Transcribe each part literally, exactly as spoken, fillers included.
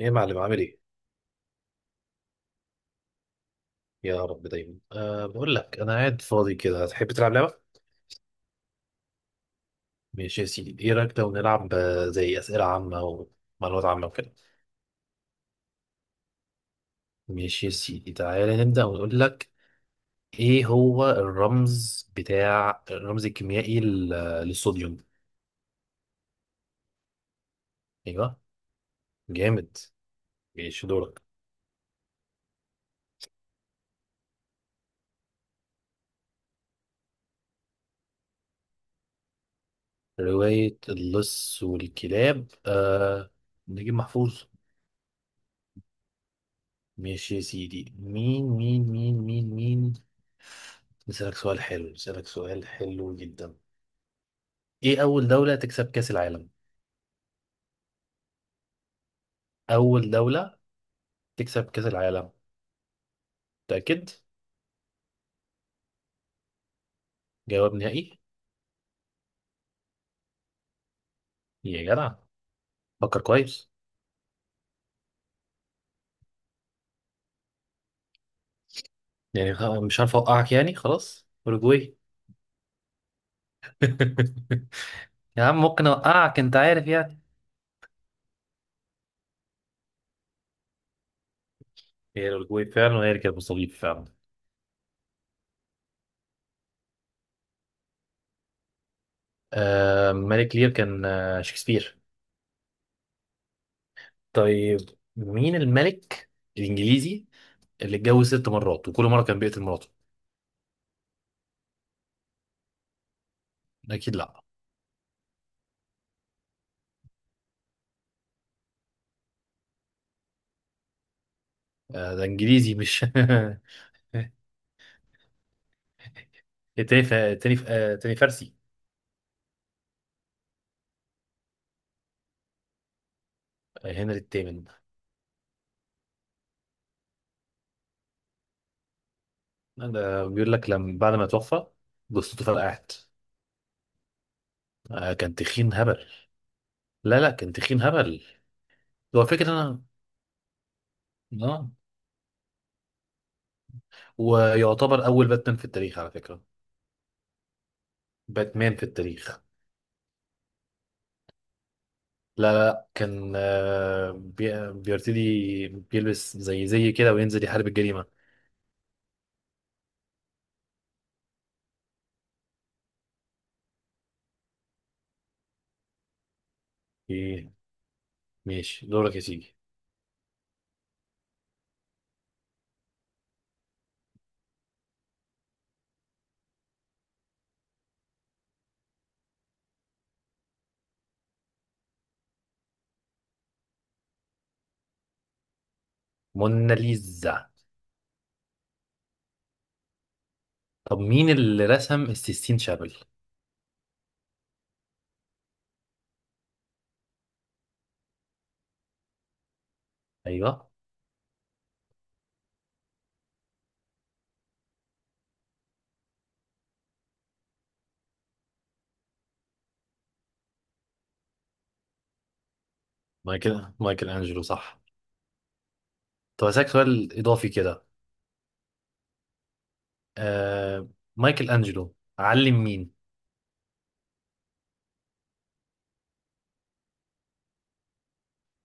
ايه يا معلم عامل ايه؟ يا رب دايما، أه بقول لك انا قاعد فاضي كده، هتحب تلعب لعبه؟ ماشي يا سيدي، ايه رايك لو نلعب آه، زي اسئله عامه ومعلومات عامه وكده؟ ماشي يا سيدي، تعالى نبدا ونقول لك. ايه هو الرمز بتاع الرمز الكيميائي لل- للصوديوم؟ ايوه. جامد. ماشي دورك. روايه اللص والكلاب أه نجيب محفوظ. ماشي يا سيدي، مين مين مين مين مين؟ نسألك سؤال حلو نسألك سؤال حلو جدا. ايه أول دولة تكسب كأس العالم؟ أول دولة تكسب كأس العالم؟ متأكد؟ جواب نهائي؟ يا جدع فكر كويس. يعني خ- مش عارف أوقعك، يعني خلاص أوروجواي. يا عم، ممكن أوقعك، أنت عارف يعني. هي الأوروجواي فعلا، وهي اللي كانت مستضيف فعلا. آه، ملك لير كان آه شكسبير. طيب، مين الملك الإنجليزي اللي اتجوز ست مرات وكل مرة كان بيقتل مراته؟ أكيد لأ. آه، ده إنجليزي مش تاني ف... تاني ف... آه، تاني فارسي. آه، هنري الثامن. ده بيقول لك لما بعد ما توفى جثته فرقعت. آه، كان تخين هبل. لا لا، كان تخين هبل. هو فكرة أنا آه ويعتبر أول باتمان في التاريخ على فكرة. باتمان في التاريخ. لا لا لا، كان آه، بي... بيرتدي بيلبس زي زي كده، وينزل يحارب الجريمة. إيه. ماشي دورك يا سيدي. موناليزا. طب مين اللي رسم السيستين شابل؟ ايوه. مايكل مايكل انجلو صح. طب هسألك سؤال اضافي كده. آه... مايكل انجلو علم مين؟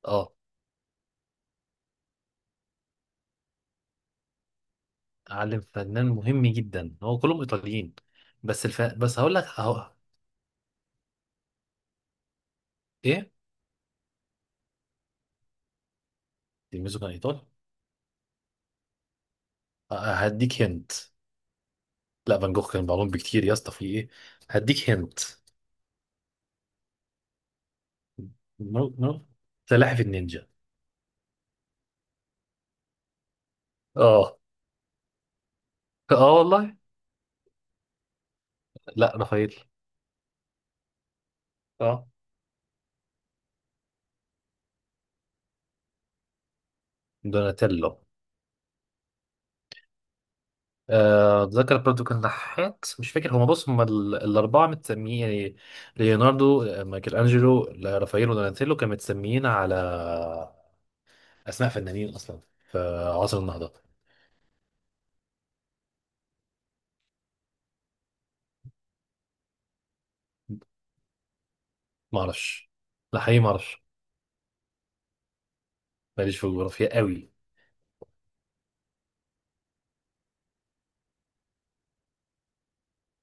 اه، علم فنان مهم جدا، هو كلهم ايطاليين. بس الف... بس هقول لك. هو... ايه؟ تلميذه كان ايطالي؟ آه، هديك هنت. لا، فان جوخ كان معلوم بكتير يا اسطى، في ايه؟ هديك هنت. نو نو. سلاحف النينجا. اه. اه والله. لا، رافائيل. اه. دوناتيلو. آه، اتذكر برضو كان نحات، مش فاكر. هما، بص، هما ال- الاربعه متسميين يعني ليوناردو، آه، مايكل انجلو، لا، رافائيل ودوناتيلو، كانوا متسميين على اسماء فنانين اصلا في عصر النهضه. ما اعرفش. لا حقيقي ما اعرفش. ماليش في الجغرافيا قوي.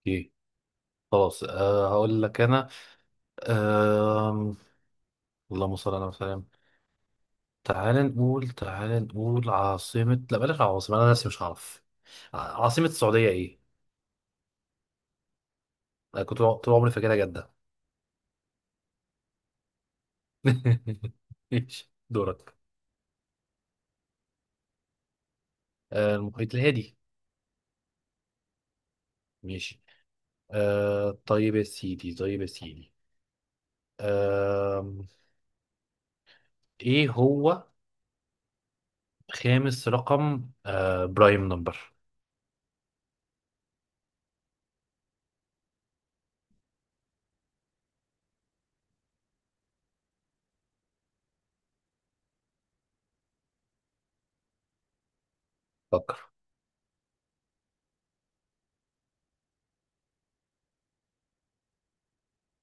ايه. خلاص أه هقول لك انا أه اللهم صل على وسلم. تعال نقول تعال نقول عاصمه، لا بلاش عاصمه، انا نفسي مش هعرف. ع- عاصمه السعوديه ايه؟ انا كنت طول عمري فاكرها جده. ماشي دورك. آه، المحيط الهادي. ماشي. آه طيب يا سيدي طيب يا سيدي، آه ايه هو خامس رقم آه برايم نمبر؟ فكر.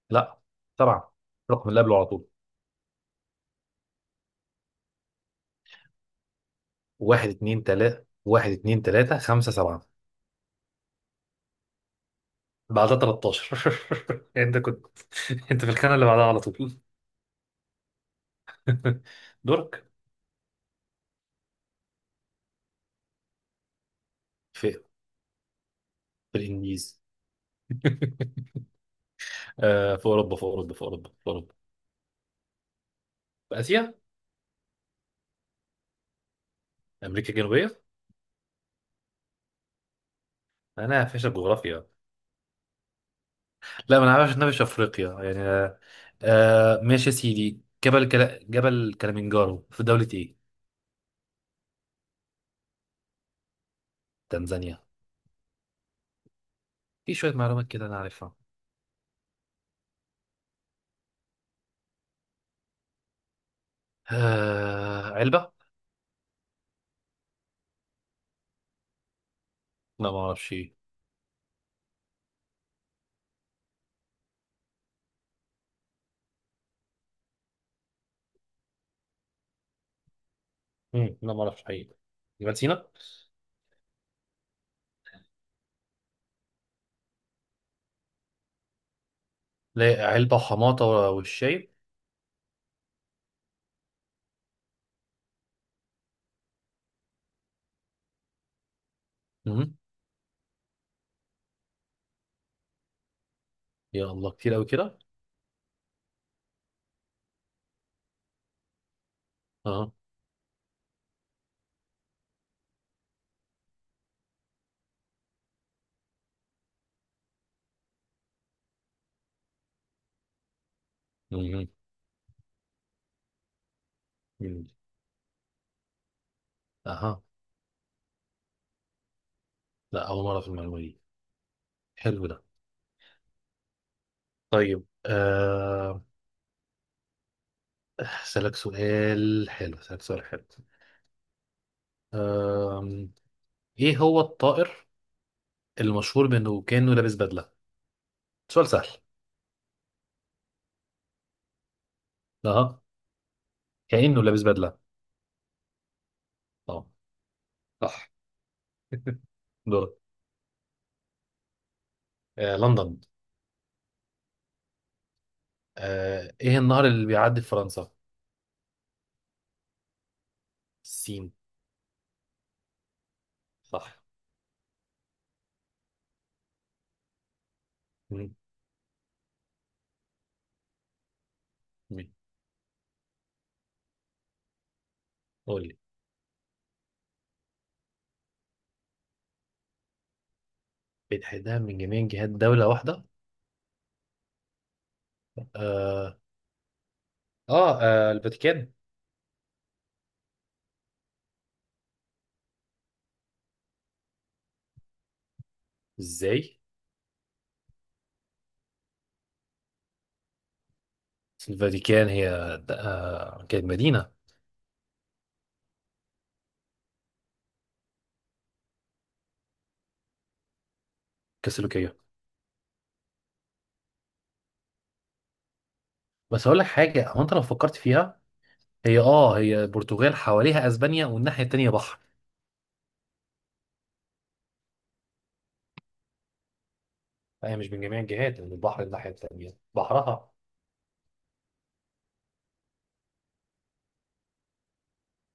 لا طبعا، رقم اللي قبله على طول. واحد اتنين تلاتة، واحد اتنين تلاتة خمسة سبعة، بعدها تلتاشر. انت كنت، انت في الخانة اللي بعدها على طول. دورك. في في الانجليزي. آه، في اوروبا، في اوروبا، في اوروبا، في اوروبا، في اسيا، امريكا الجنوبية. انا فاشل جغرافيا. لا، ما انا عارف إنها في افريقيا يعني آه آه، ماشي يا سيدي. جبل كلا... جبل كليمنجارو في دولة ايه؟ تنزانيا. في شوية معلومات كده انا عارفها. آه، علبة. لا ما اعرفش ايه. مم، لا ما اعرفش حقيقي. جبل سينا. لا، علبة وحماطة والشاي. مم. يا الله، كتير قوي كده. اه. مم. مم. اها. لا، اول مرة في المعلومة دي. حلو ده. طيب، آه، اسالك سؤال حلو اسالك سؤال حلو. ايه هو الطائر المشهور بانه كانه لابس بدله؟ سؤال سهل. اه، كانه لابس بدله. اه صح. دور. آه، لندن. آه، ايه النهر اللي بيعدي في فرنسا؟ السين. صح. مم. مم. قول لي، بتحدها من جميع جهات دولة واحدة. آه, آه, آه الفاتيكان. ازاي؟ الفاتيكان هي د- آه كانت مدينة كاثوليكية. بس اقول لك حاجة، هو انت لو فكرت فيها، هي اه هي البرتغال حواليها اسبانيا، والناحية التانية بحر. لا هي مش من جميع الجهات، من البحر الناحية التانية بحرها.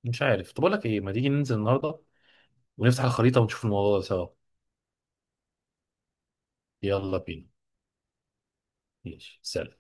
مش عارف. طب أقول لك إيه، ما تيجي ننزل النهاردة ونفتح الخريطة ونشوف الموضوع ده سوا. يلا بينا. ماشي سلام.